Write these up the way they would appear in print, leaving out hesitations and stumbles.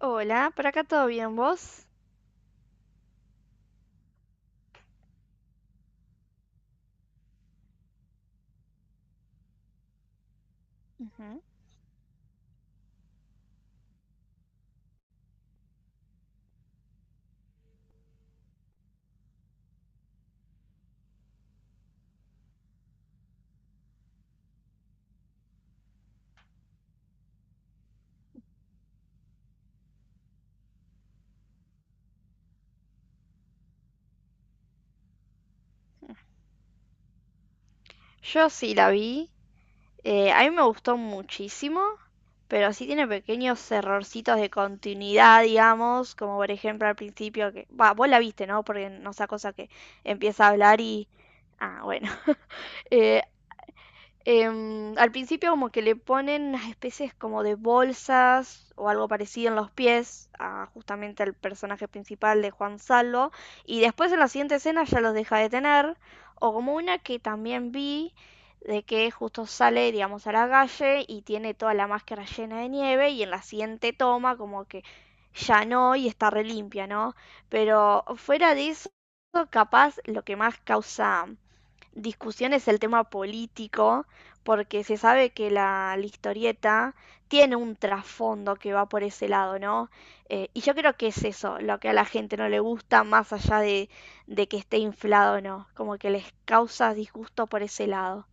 Hola, por acá todo bien, ¿vos? Ujú. Yo sí la vi, a mí me gustó muchísimo, pero sí tiene pequeños errorcitos de continuidad, digamos, como por ejemplo al principio que, va, vos la viste, ¿no? Porque no sea cosa que empieza a hablar y, ah, bueno. Eh, Al principio como que le ponen unas especies como de bolsas o algo parecido en los pies a justamente al personaje principal de Juan Salvo y después en la siguiente escena ya los deja de tener o como una que también vi de que justo sale digamos a la calle y tiene toda la máscara llena de nieve y en la siguiente toma como que ya no y está relimpia, ¿no? Pero fuera de eso capaz lo que más causa discusión es el tema político, porque se sabe que la historieta tiene un trasfondo que va por ese lado, ¿no? Y yo creo que es eso, lo que a la gente no le gusta, más allá de que esté inflado o no, como que les causa disgusto por ese lado.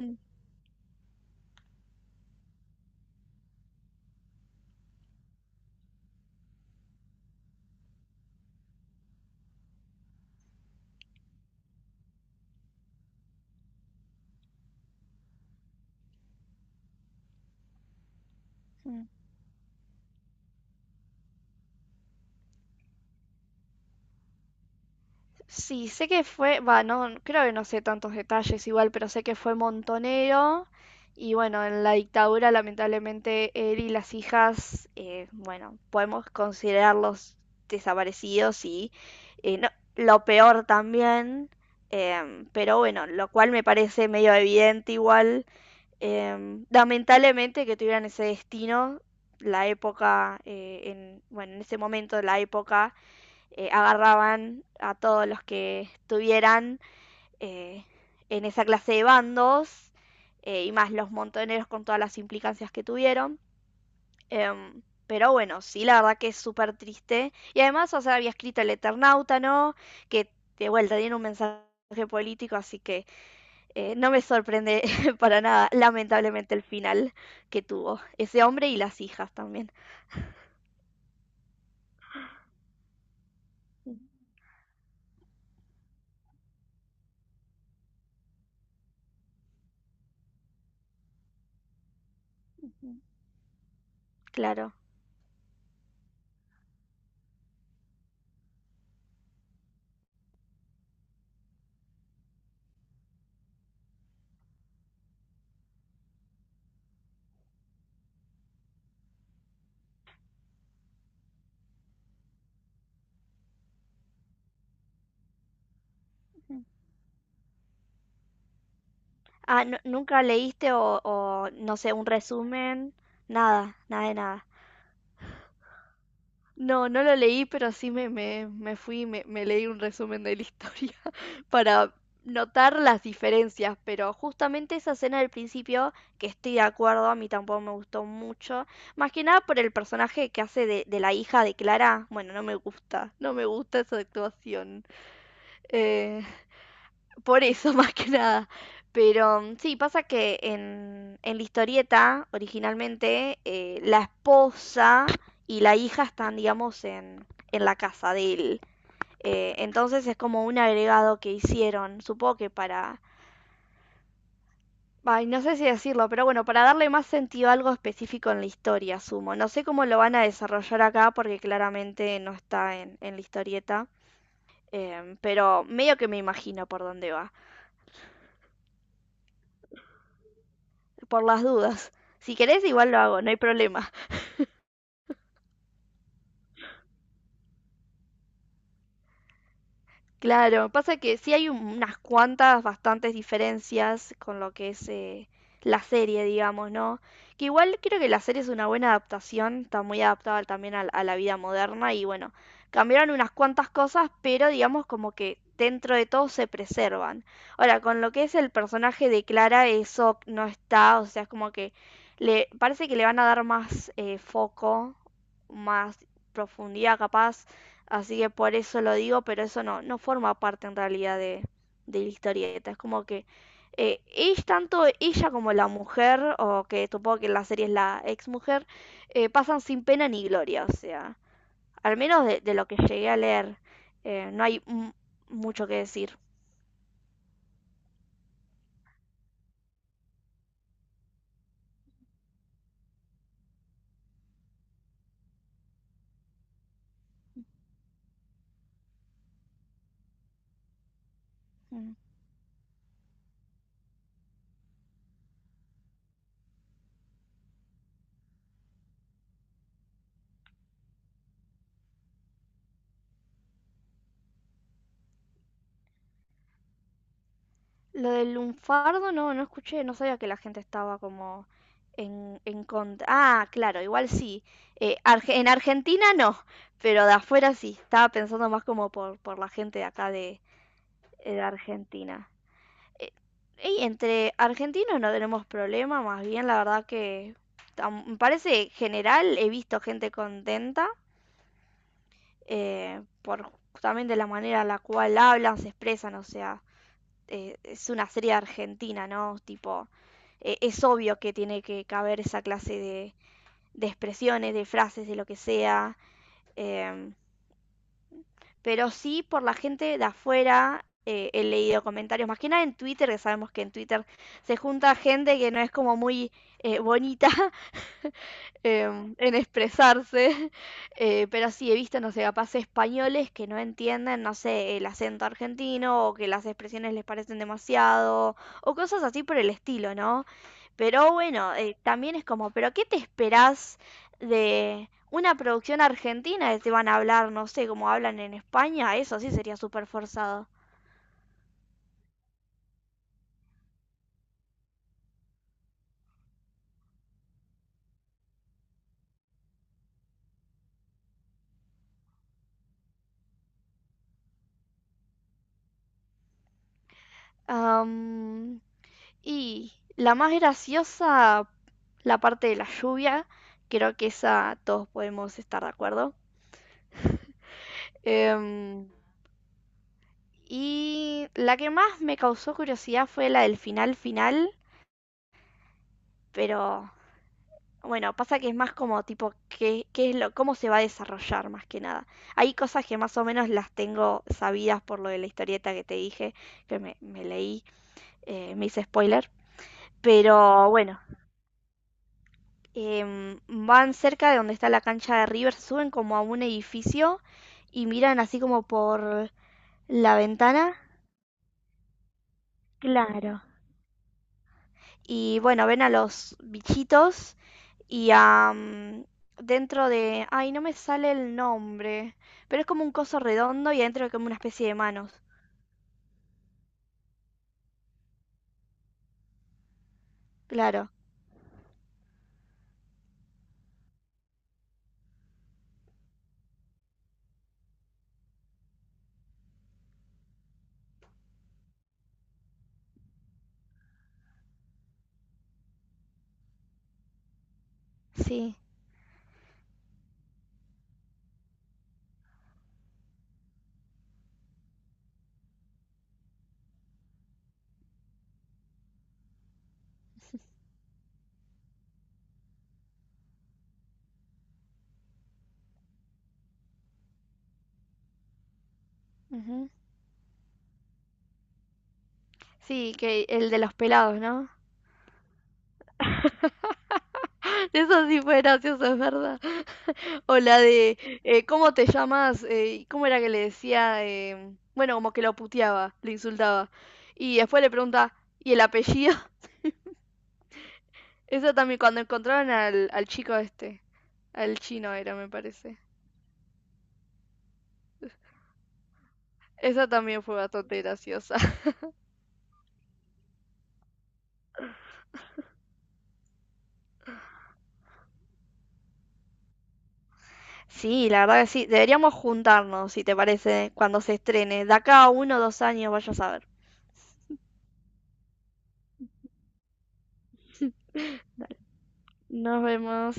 Mm, mm. Sí, sé que fue, va, no, creo que no sé tantos detalles igual, pero sé que fue montonero y bueno, en la dictadura lamentablemente él y las hijas, bueno, podemos considerarlos desaparecidos y eh, no- lo peor también. Pero bueno, lo cual me parece medio evidente igual. Lamentablemente que tuvieran ese destino, la época, bueno, en ese momento de la época agarraban a todos los que estuvieran eh, en esa clase de bandos, y más los montoneros con todas las implicancias que tuvieron. Em, pero bueno, sí, la verdad que es súper triste. Y además, o sea, había escrito el Eternauta, ¿no? Que de vuelta tiene un mensaje político, así que no me sorprende para nada, lamentablemente, el final que tuvo ese hombre y las hijas también. Claro. Ah, ¿nunca leíste o, no sé, un resumen? Nada, nada de nada. No, no lo leí, pero sí me fui, y me leí un resumen de la historia para notar las diferencias, pero justamente esa escena del principio, que estoy de acuerdo, a mí tampoco me gustó mucho, más que nada por el personaje que hace de, la hija de Clara, bueno, no me gusta, no me gusta esa actuación. Eh, Por eso, más que nada. Pero sí, pasa que en, la historieta, originalmente, la esposa y la hija están, digamos, en la casa de él. Entonces es como un agregado que hicieron, supongo que para. Ay, no sé si decirlo, pero bueno, para darle más sentido a algo específico en la historia, asumo. No sé cómo lo van a desarrollar acá porque claramente no está en la historieta. Pero medio que me imagino por dónde va. Por las dudas. Si querés, igual lo hago, no hay problema. Claro, pasa que sí hay unas cuantas bastantes diferencias con lo que es, la serie, digamos, ¿no? Que igual creo que la serie es una buena adaptación, está muy adaptada también a la vida moderna y bueno, cambiaron unas cuantas cosas, pero digamos como que dentro de todo se preservan. Ahora, con lo que es el personaje de Clara, eso no está, o sea, es como que le parece que le van a dar más, foco, más profundidad capaz. Así que por eso lo digo, pero eso no forma parte en realidad de, la historieta. Es como que es tanto ella como la mujer, o que supongo que en la serie es la ex mujer, pasan sin pena ni gloria. O sea, al menos de, lo que llegué a leer, no hay mucho que decir. Mm. Lo del lunfardo no, no escuché, no sabía que la gente estaba como en, contra. Ah, claro, igual sí. En Argentina no, pero de afuera sí. Estaba pensando más como por, la gente de acá de Argentina. Eh, y entre argentinos no tenemos problema, más bien la verdad que, me parece general, he visto gente contenta, por justamente la manera en la cual hablan, se expresan, o sea, es una serie argentina, ¿no? Tipo, es obvio que tiene que caber esa clase de expresiones, de frases, de lo que sea. eh, pero sí, por la gente de afuera, he leído comentarios, más que nada en Twitter, que sabemos que en Twitter se junta gente que no es como muy, bonita, en expresarse, pero sí he visto, no sé, capaz españoles que no entienden, no sé, el acento argentino o que las expresiones les parecen demasiado o cosas así por el estilo, ¿no? Pero bueno, también es como, ¿pero qué te esperás de una producción argentina que te van a hablar, no sé, como hablan en España? Eso sí sería súper forzado. Am, Y la más graciosa, la parte de la lluvia, creo que esa todos podemos estar de acuerdo. Em, y la que más me causó curiosidad fue la del final final, pero bueno, pasa que es más como tipo, qué es lo, cómo se va a desarrollar más que nada. Hay cosas que más o menos las tengo sabidas por lo de la historieta que te dije, que me leí, me hice spoiler, pero bueno. Van cerca de donde está la cancha de River, suben como a un edificio y miran así como por la ventana. Claro. Y bueno, ven a los bichitos y a, dentro de. Ay, no me sale el nombre. Pero es como un coso redondo y adentro hay como una especie de manos. Claro, sí. Ujú. Sí, que el de los pelados, ¿no? Eso sí fue gracioso, es verdad. O la de, ¿cómo te llamas? ¿Cómo era que le decía? Bueno, como que lo puteaba, le insultaba. Y después le pregunta, ¿y el apellido? Eso también, cuando encontraron al, chico este, al chino era, me parece. Esa también fue bastante graciosa. Sí, la verdad que sí. Deberíamos juntarnos, si te parece, cuando se estrene. De acá a 1 o 2 años, vaya a saber. Nos vemos.